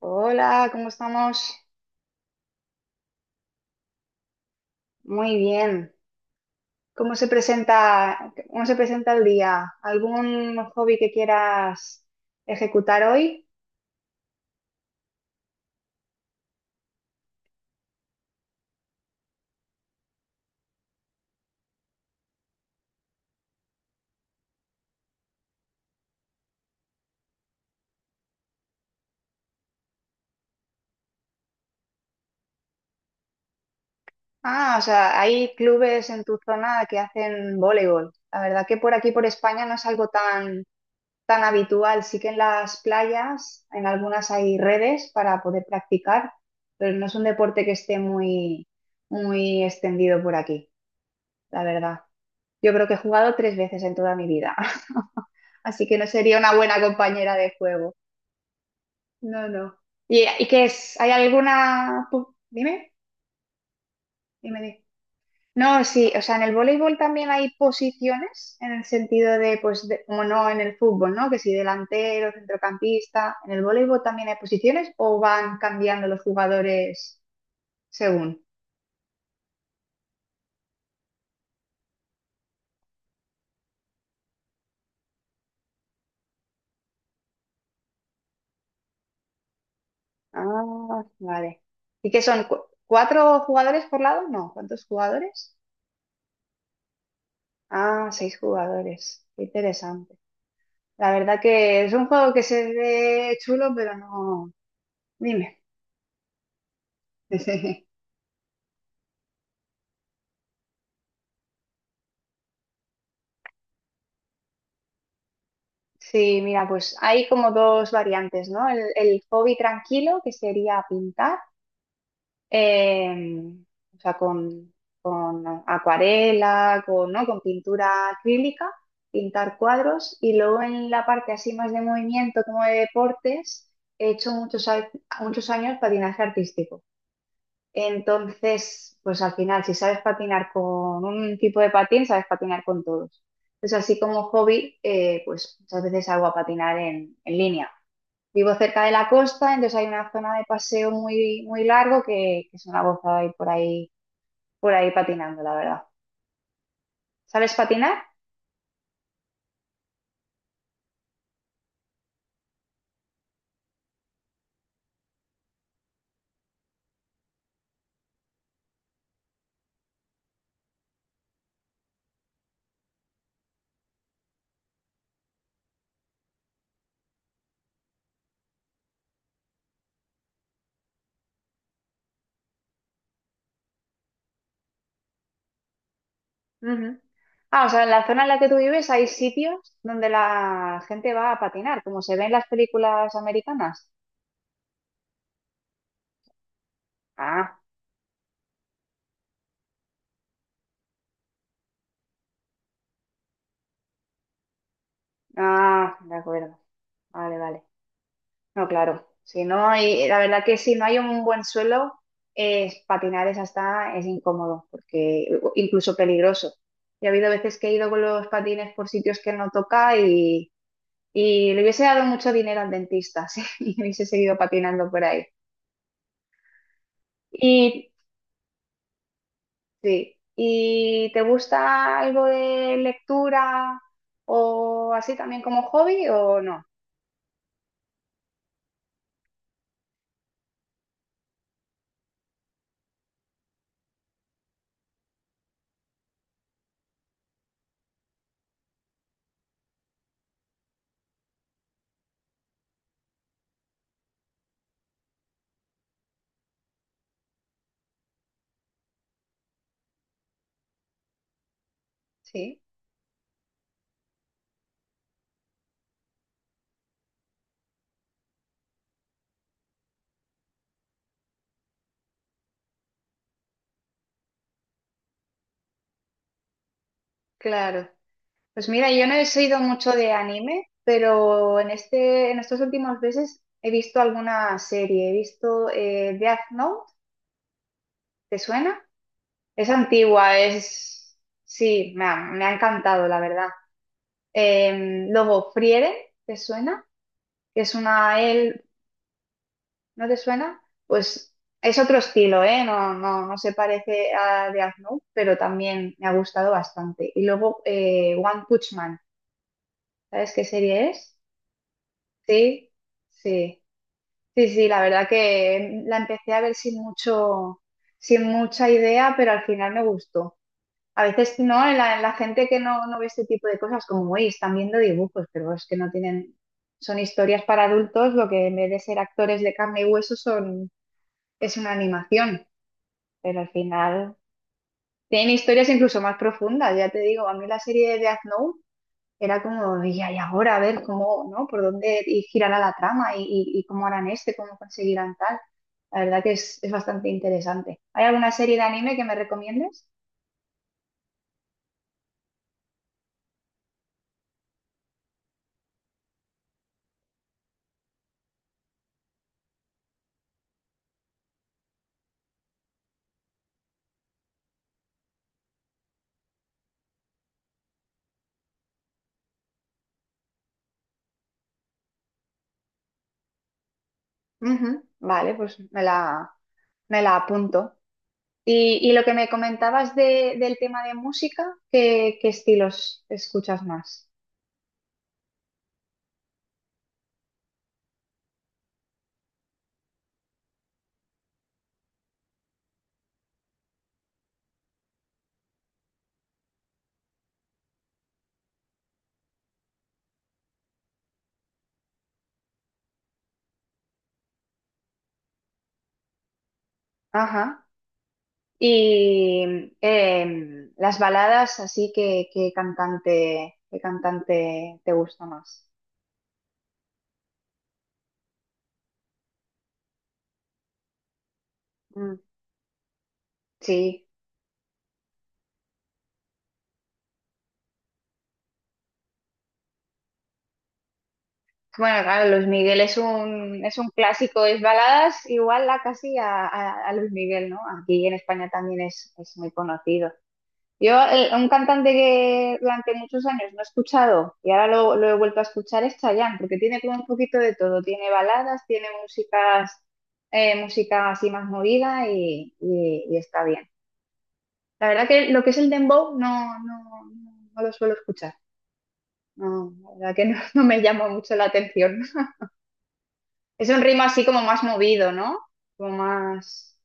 Hola, ¿cómo estamos? Muy bien. Cómo se presenta el día? ¿Algún hobby que quieras ejecutar hoy? Ah, o sea, hay clubes en tu zona que hacen voleibol. La verdad que por aquí, por España, no es algo tan, tan habitual. Sí que en las playas, en algunas hay redes para poder practicar, pero no es un deporte que esté muy, muy extendido por aquí, la verdad. Yo creo que he jugado 3 veces en toda mi vida. Así que no sería una buena compañera de juego. No, no. ¿Y, qué es? ¿Hay alguna...? Dime, dime, dime. No, sí, o sea, en el voleibol también hay posiciones en el sentido de, pues, como no en el fútbol, ¿no? Que si delantero, centrocampista, ¿en el voleibol también hay posiciones o van cambiando los jugadores según? Ah, vale. ¿Y qué son? ¿Cuatro jugadores por lado? No, ¿cuántos jugadores? Ah, 6 jugadores. Qué interesante. La verdad que es un juego que se ve chulo, pero no. Dime. Sí, mira, pues hay como dos variantes, ¿no? El hobby tranquilo, que sería pintar, eh, o sea, con acuarela, con, ¿no? con pintura acrílica, pintar cuadros, y luego en la parte así más de movimiento, como de deportes, he hecho muchos, muchos años patinaje artístico. Entonces, pues al final, si sabes patinar con un tipo de patín, sabes patinar con todos. Entonces, así como hobby, pues muchas veces salgo a patinar en línea. Vivo cerca de la costa, entonces hay una zona de paseo muy, muy largo que es una gozada ir por ahí patinando, la verdad. ¿Sabes patinar? Ujú. Ah, o sea, en la zona en la que tú vives hay sitios donde la gente va a patinar, como se ve en las películas americanas. Ah, ah, de acuerdo. Vale, vale. No, claro. Si no hay, la verdad que si no hay un buen suelo, patinar es hasta es incómodo, porque incluso peligroso. Y ha habido veces que he ido con los patines por sitios que no toca y le hubiese dado mucho dinero al dentista, sí, y hubiese seguido patinando por ahí. Y sí, ¿y te gusta algo de lectura o así también como hobby o no? Sí, claro. Pues mira, yo no he sido mucho de anime, pero en este, en estos últimos meses he visto alguna serie. He visto Death Note, ¿te suena? Es antigua, es... Sí, me ha encantado, la verdad. Luego, Frieren, ¿te suena? Que es una... él ¿No te suena? Pues es otro estilo, ¿eh? No, no, no se parece a Death Note, pero también me ha gustado bastante. Y luego, One Punch Man, ¿sabes qué serie es? Sí. Sí. Sí, sí, la verdad que la empecé a ver sin mucho, sin mucha idea, pero al final me gustó. A veces, ¿no? La gente que no, no ve este tipo de cosas, como, uy, están viendo dibujos, pero es que no tienen, son historias para adultos, lo que en vez de ser actores de carne y hueso son, es una animación, pero al final tienen historias incluso más profundas, ya te digo, a mí la serie de Death Note era como, y ahora a ver cómo, ¿no? Por dónde y girará la trama y, y cómo harán este, cómo conseguirán tal. La verdad que es bastante interesante. ¿Hay alguna serie de anime que me recomiendes? Ujú, vale, pues me la apunto. Y lo que me comentabas del tema de música, ¿qué, qué estilos escuchas más? Ajá. Y las baladas, así que qué cantante te gusta más. Mm, sí. Bueno, claro, Luis Miguel es un clásico, es baladas igual a casi a, a Luis Miguel, ¿no? Aquí en España también es muy conocido. Yo, un cantante que durante muchos años no he escuchado y ahora lo he vuelto a escuchar es Chayanne, porque tiene como un poquito de todo, tiene baladas, tiene músicas, música así más movida y, y está bien. La verdad que lo que es el dembow no, no, no, no lo suelo escuchar, no, la verdad que no, no me llama mucho la atención. Es un ritmo así como más movido, ¿no? Como más...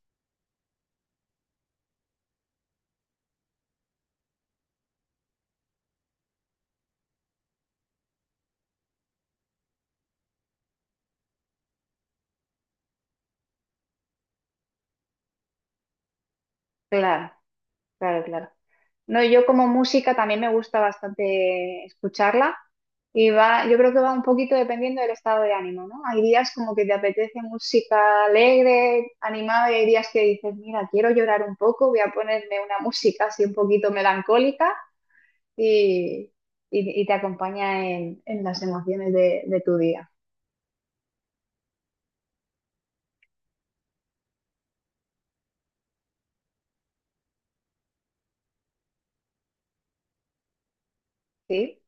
Claro, claro, claro. No, yo como música también me gusta bastante escucharla y va, yo creo que va un poquito dependiendo del estado de ánimo, ¿no? Hay días como que te apetece música alegre, animada y hay días que dices, mira, quiero llorar un poco, voy a ponerme una música así un poquito melancólica y, y te acompaña en las emociones de tu día, ¿sí?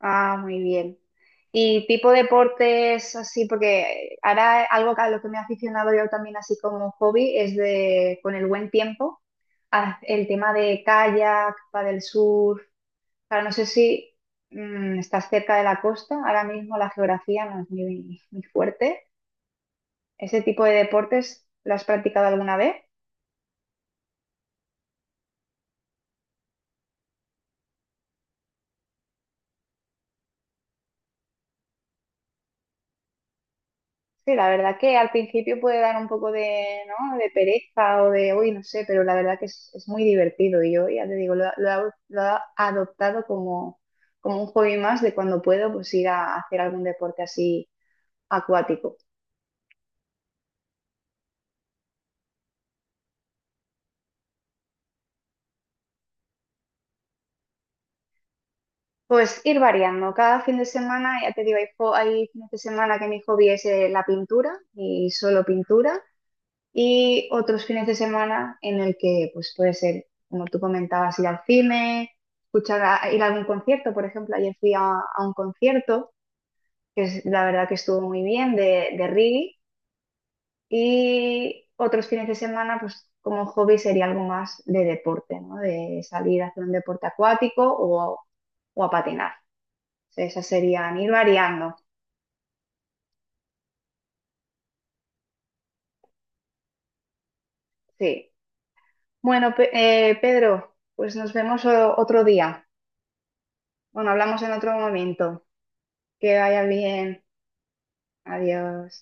Ah, muy bien. Y tipo deportes así, porque ahora algo a lo que me he aficionado yo también así como hobby es de, con el buen tiempo, el tema de kayak, del surf. Ahora no sé si estás cerca de la costa, ahora mismo la geografía no es muy, muy fuerte. ¿Ese tipo de deportes lo has practicado alguna vez? Sí, la verdad que al principio puede dar un poco de, ¿no? de pereza o de, uy, no sé, pero la verdad que es muy divertido. Y yo ya te digo, lo, lo he adoptado como, como un hobby más de cuando puedo pues ir a hacer algún deporte así acuático. Pues ir variando. Cada fin de semana, ya te digo, hay, hay fines de semana que mi hobby es la pintura y solo pintura. Y otros fines de semana en el que pues puede ser, como tú comentabas, ir al cine, escuchar ir a algún concierto, por ejemplo, ayer fui a un concierto que es, la verdad que estuvo muy bien de reggae y otros fines de semana pues como hobby sería algo más de deporte, ¿no? De salir a hacer un deporte acuático o a patinar. O sea, esas serían ir variando, sí. Bueno, Pedro, pues nos vemos otro día. Bueno, hablamos en otro momento. Que vaya bien. Adiós.